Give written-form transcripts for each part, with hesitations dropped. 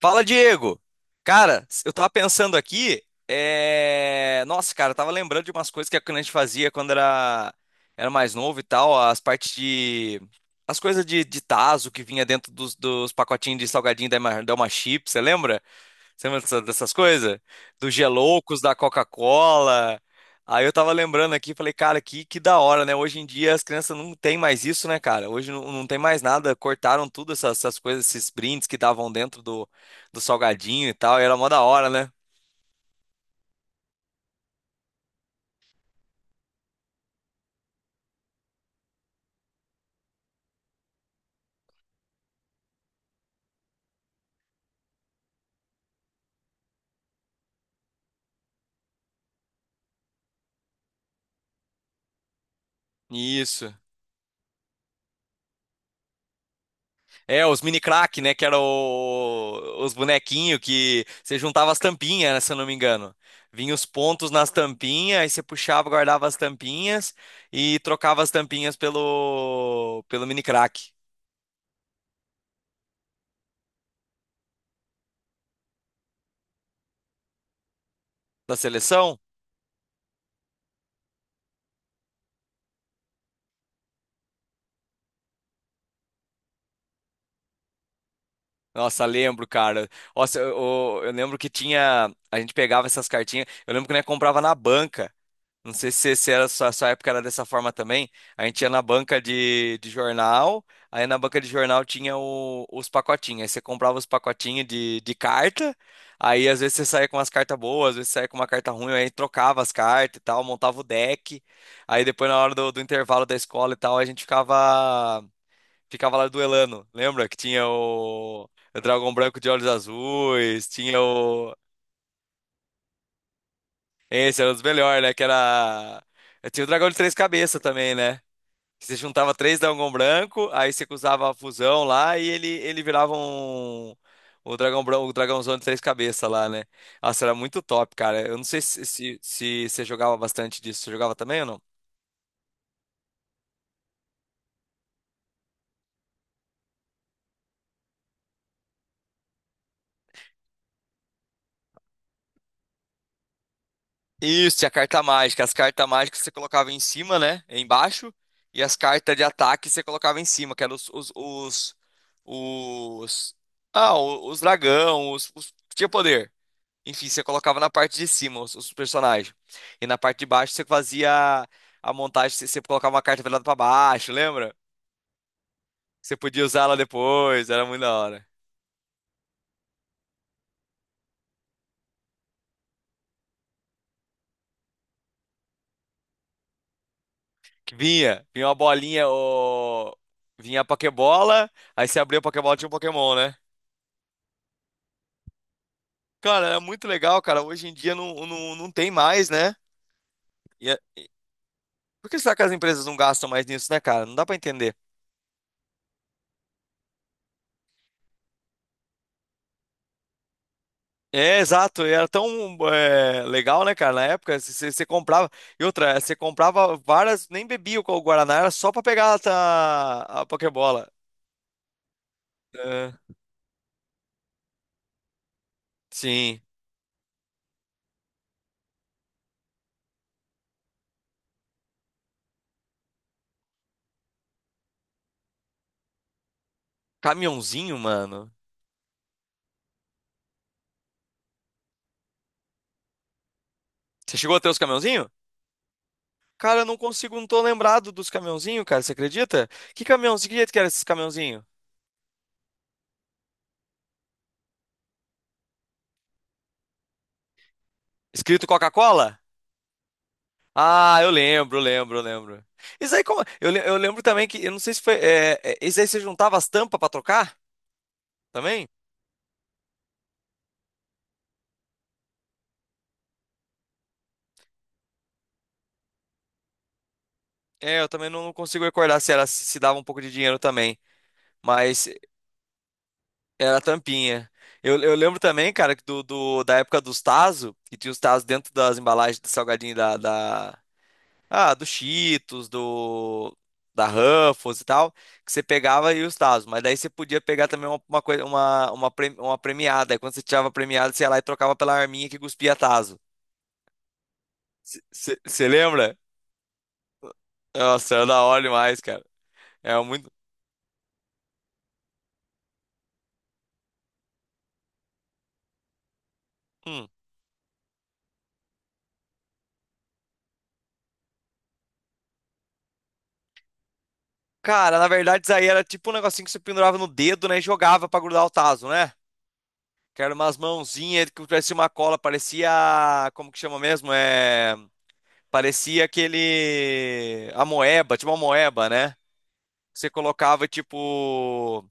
Fala, Diego! Cara, eu tava pensando aqui, nossa, cara, eu tava lembrando de umas coisas que a gente fazia era mais novo e tal, as partes de. As coisas de tazo que vinha dentro dos pacotinhos de salgadinho da Elma Chips, você lembra? Você lembra dessas coisas? Dos Geloucos, da Coca-Cola. Aí eu tava lembrando aqui, falei, cara, que da hora, né? Hoje em dia as crianças não tem mais isso, né, cara? Hoje não, não tem mais nada, cortaram tudo essas coisas, esses brindes que davam dentro do salgadinho e tal, e era mó da hora, né? Isso. É, os mini crack, né? Que eram os bonequinhos que você juntava as tampinhas, né, se eu não me engano. Vinha os pontos nas tampinhas, aí você puxava, guardava as tampinhas e trocava as tampinhas pelo mini crack da seleção. Nossa, lembro, cara. Nossa, eu lembro que tinha. A gente pegava essas cartinhas. Eu lembro que nós comprava na banca. Não sei se era sua época era dessa forma também. A gente ia na banca de jornal, aí na banca de jornal tinha os pacotinhos. Aí você comprava os pacotinhos de carta, aí às vezes você saía com umas cartas boas, às vezes saía com uma carta ruim, aí trocava as cartas e tal, montava o deck. Aí depois na hora do intervalo da escola e tal, ficava lá duelando. Lembra que tinha o Dragão Branco de Olhos Azuis, tinha o. Esse era um dos melhores, né? Que era. Tinha o Dragão de Três Cabeças também, né? Você juntava três dragão branco, aí você usava a fusão lá e ele virava um. O dragão branco, o dragãozão de três cabeças lá, né? Nossa, era muito top, cara. Eu não sei se você jogava bastante disso. Você jogava também ou não? Isso, tinha carta mágica. As cartas mágicas você colocava em cima, né? Embaixo. E as cartas de ataque você colocava em cima, que eram os- ah, os dragão, tinha poder. Enfim, você colocava na parte de cima os personagens. E na parte de baixo você fazia a montagem, você colocava uma carta velada pra baixo, lembra? Você podia usar ela depois, era muito da hora. Vinha uma bolinha, o... vinha a Pokébola, aí você abria a Pokébola tinha um Pokémon, né? Cara, era muito legal, cara. Hoje em dia não, não, não tem mais, né? E é- e- por que será que as empresas não gastam mais nisso, né, cara? Não dá pra entender. É, exato, e era tão é, legal, né, cara? Na época, você comprava. E outra, você comprava várias, nem bebia o Guaraná, era só pra pegar a Pokébola. É, sim. Caminhãozinho, mano. Você chegou a ter os caminhãozinho? Cara, eu não consigo, não tô lembrado dos caminhãozinho, cara, você acredita? Que caminhãozinho, que jeito que era esses caminhãozinho? Escrito Coca-Cola? Ah, eu lembro, lembro, lembro. Isso aí, como... eu lembro também que, eu não sei se foi. Esse aí você juntava as tampas pra trocar também? É, eu também não consigo recordar se ela se dava um pouco de dinheiro também, mas era tampinha. Eu lembro também, cara, que da época dos Tazo, que tinha os Tazo dentro das embalagens do salgadinho ah, do Cheetos, do da Ruffles e tal, que você pegava e os Tazo, mas daí você podia pegar também uma coisa, uma premiada. Aí quando você tirava a premiada, você ia lá e trocava pela arminha que cuspia Tazo. Você lembra? Nossa, era da hora demais, cara. Era muito. Hum. Cara, na verdade, isso aí era tipo um negocinho que você pendurava no dedo, né? E jogava pra grudar o tazo, né? Que era umas mãozinhas que parecia uma cola, parecia. Como que chama mesmo? É. Parecia aquele. A moeba, tipo uma moeba, né? Você colocava, tipo.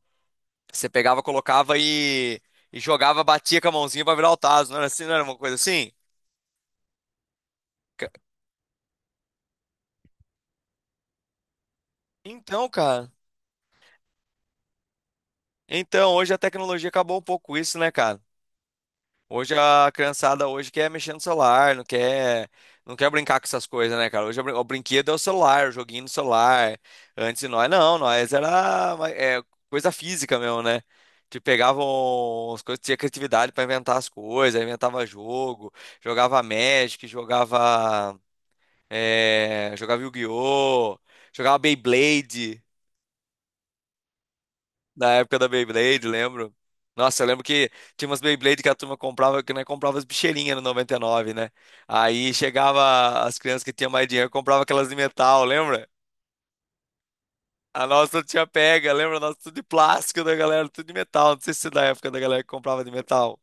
Você pegava, colocava e. E jogava, batia com a mãozinha pra virar o tazo, não era assim? Não era uma coisa assim? Ca- Então, cara. Então, hoje a tecnologia acabou um pouco com isso, né, cara? Hoje a criançada hoje quer mexer no celular, não quer brincar com essas coisas, né, cara? Hoje a o brinquedo é o celular, o joguinho no celular. Antes de nós, não, nós era ma- é, coisa física mesmo, né? Te pegavam as coisas, tinha criatividade pra inventar as coisas, inventava jogo, jogava Magic, jogava Yu-Gi-Oh, jogava Beyblade. Na época da Beyblade, lembro. Nossa, eu lembro que tinha umas Beyblade que a turma comprava, que nós comprava as bicheirinhas no 99, né? Aí chegava as crianças que tinham mais dinheiro, comprava aquelas de metal, lembra? A nossa tinha pega, lembra? A nossa tudo de plástico da galera, tudo de metal. Não sei se é da época da galera que comprava de metal.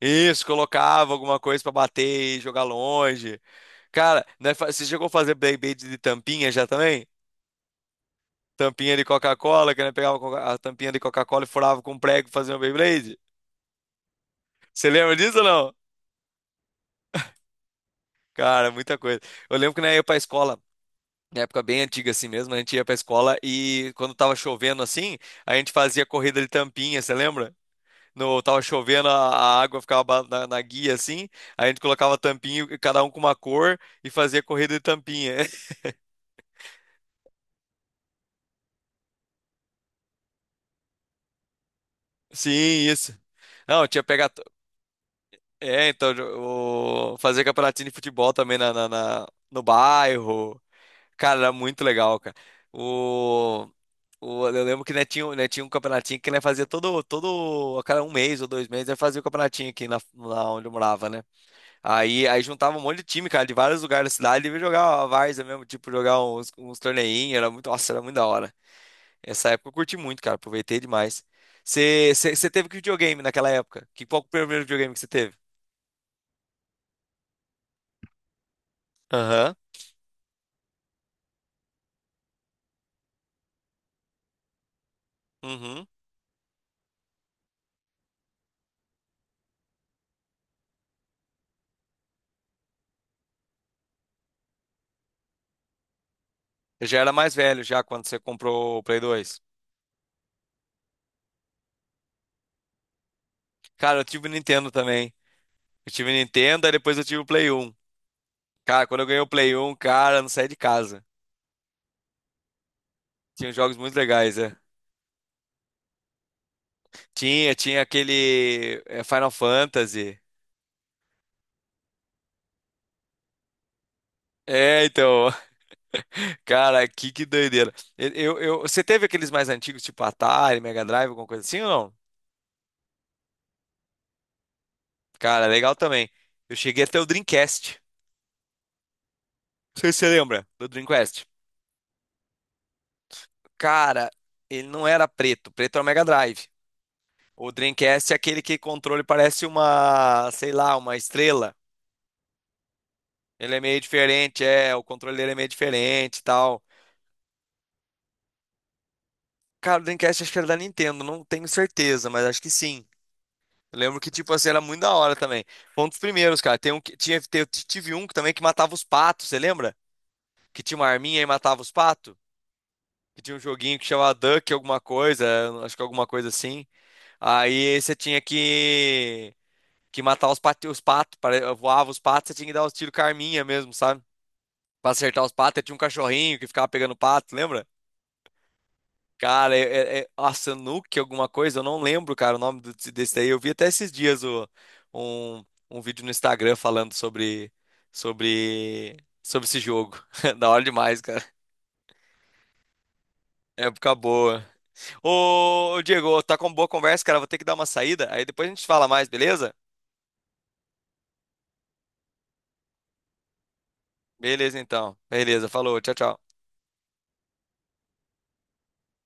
Isso, colocava alguma coisa pra bater e jogar longe. Cara, né, você chegou a fazer Beyblade de tampinha já também? Tampinha de Coca-Cola, que né, pegava a a tampinha de Coca-Cola e furava com um prego e fazia uma Beyblade? Você lembra disso ou não? Cara, muita coisa. Eu lembro que na época ia pra escola, na época bem antiga assim mesmo, a gente ia pra escola e quando tava chovendo assim, a gente fazia corrida de tampinha, você lembra? No, tava chovendo, a água ficava na guia assim, a gente colocava tampinha, cada um com uma cor e fazia corrida de tampinha. Sim, isso. Não, tinha pegado. É, então, o... fazer campeonatinho de futebol também na, no bairro. Cara, era muito legal, cara. O, eu lembro que né, tinha, né, tinha um campeonatinho que né, todo, a cada um mês ou 2 meses, né, fazia o campeonatinho aqui na, lá onde eu morava, né? Aí juntava um monte de time, cara, de vários lugares da cidade e jogava a várzea mesmo, tipo, jogar uns torneinhos, era muito, nossa, era muito da hora. Essa época eu curti muito, cara, aproveitei demais. Você teve que videogame naquela época? Que, qual que foi o primeiro videogame que você teve? Aham. Uhum. Eu já era mais velho já quando você comprou o Play 2. Cara, eu tive o Nintendo também. Eu tive Nintendo, aí depois eu tive o Play 1. Cara, quando eu ganhei o Play 1, cara, eu não saí de casa. Tinha jogos muito legais, é. Tinha aquele é, Final Fantasy. É, então, cara, que doideira. Você teve aqueles mais antigos, tipo Atari, Mega Drive, alguma coisa assim ou não? Cara, legal também. Eu cheguei até o Dreamcast. Não sei se você lembra do Dreamcast. Cara, ele não era preto. Preto era o Mega Drive. O Dreamcast é aquele que controle parece uma, sei lá, uma estrela. Ele é meio diferente, é, o controle dele é meio diferente e tal. Cara, o Dreamcast acho que era da Nintendo, não tenho certeza, mas acho que sim. Eu lembro que, tipo assim, era muito da hora também. Foi um dos primeiros, cara. Tem um que, tinha, tive um também que matava os patos, você lembra? Que tinha uma arminha e matava os patos? Que tinha um joguinho que chamava Duck alguma coisa, eu acho que alguma coisa assim. Aí você tinha que matar os patos, voava os patos, você tinha que dar os tiros com a arminha mesmo, sabe? Pra acertar os patos, aí tinha um cachorrinho que ficava pegando pato, lembra? Cara, é a Sanuki alguma coisa, eu não lembro, cara, o nome desse daí. Eu vi até esses dias um, um vídeo no Instagram falando sobre, sobre esse jogo. Da hora demais, cara. Época boa. Ô, Diego, tá com boa conversa, cara. Vou ter que dar uma saída. Aí depois a gente fala mais, beleza? Beleza, então. Beleza, falou. Tchau, tchau.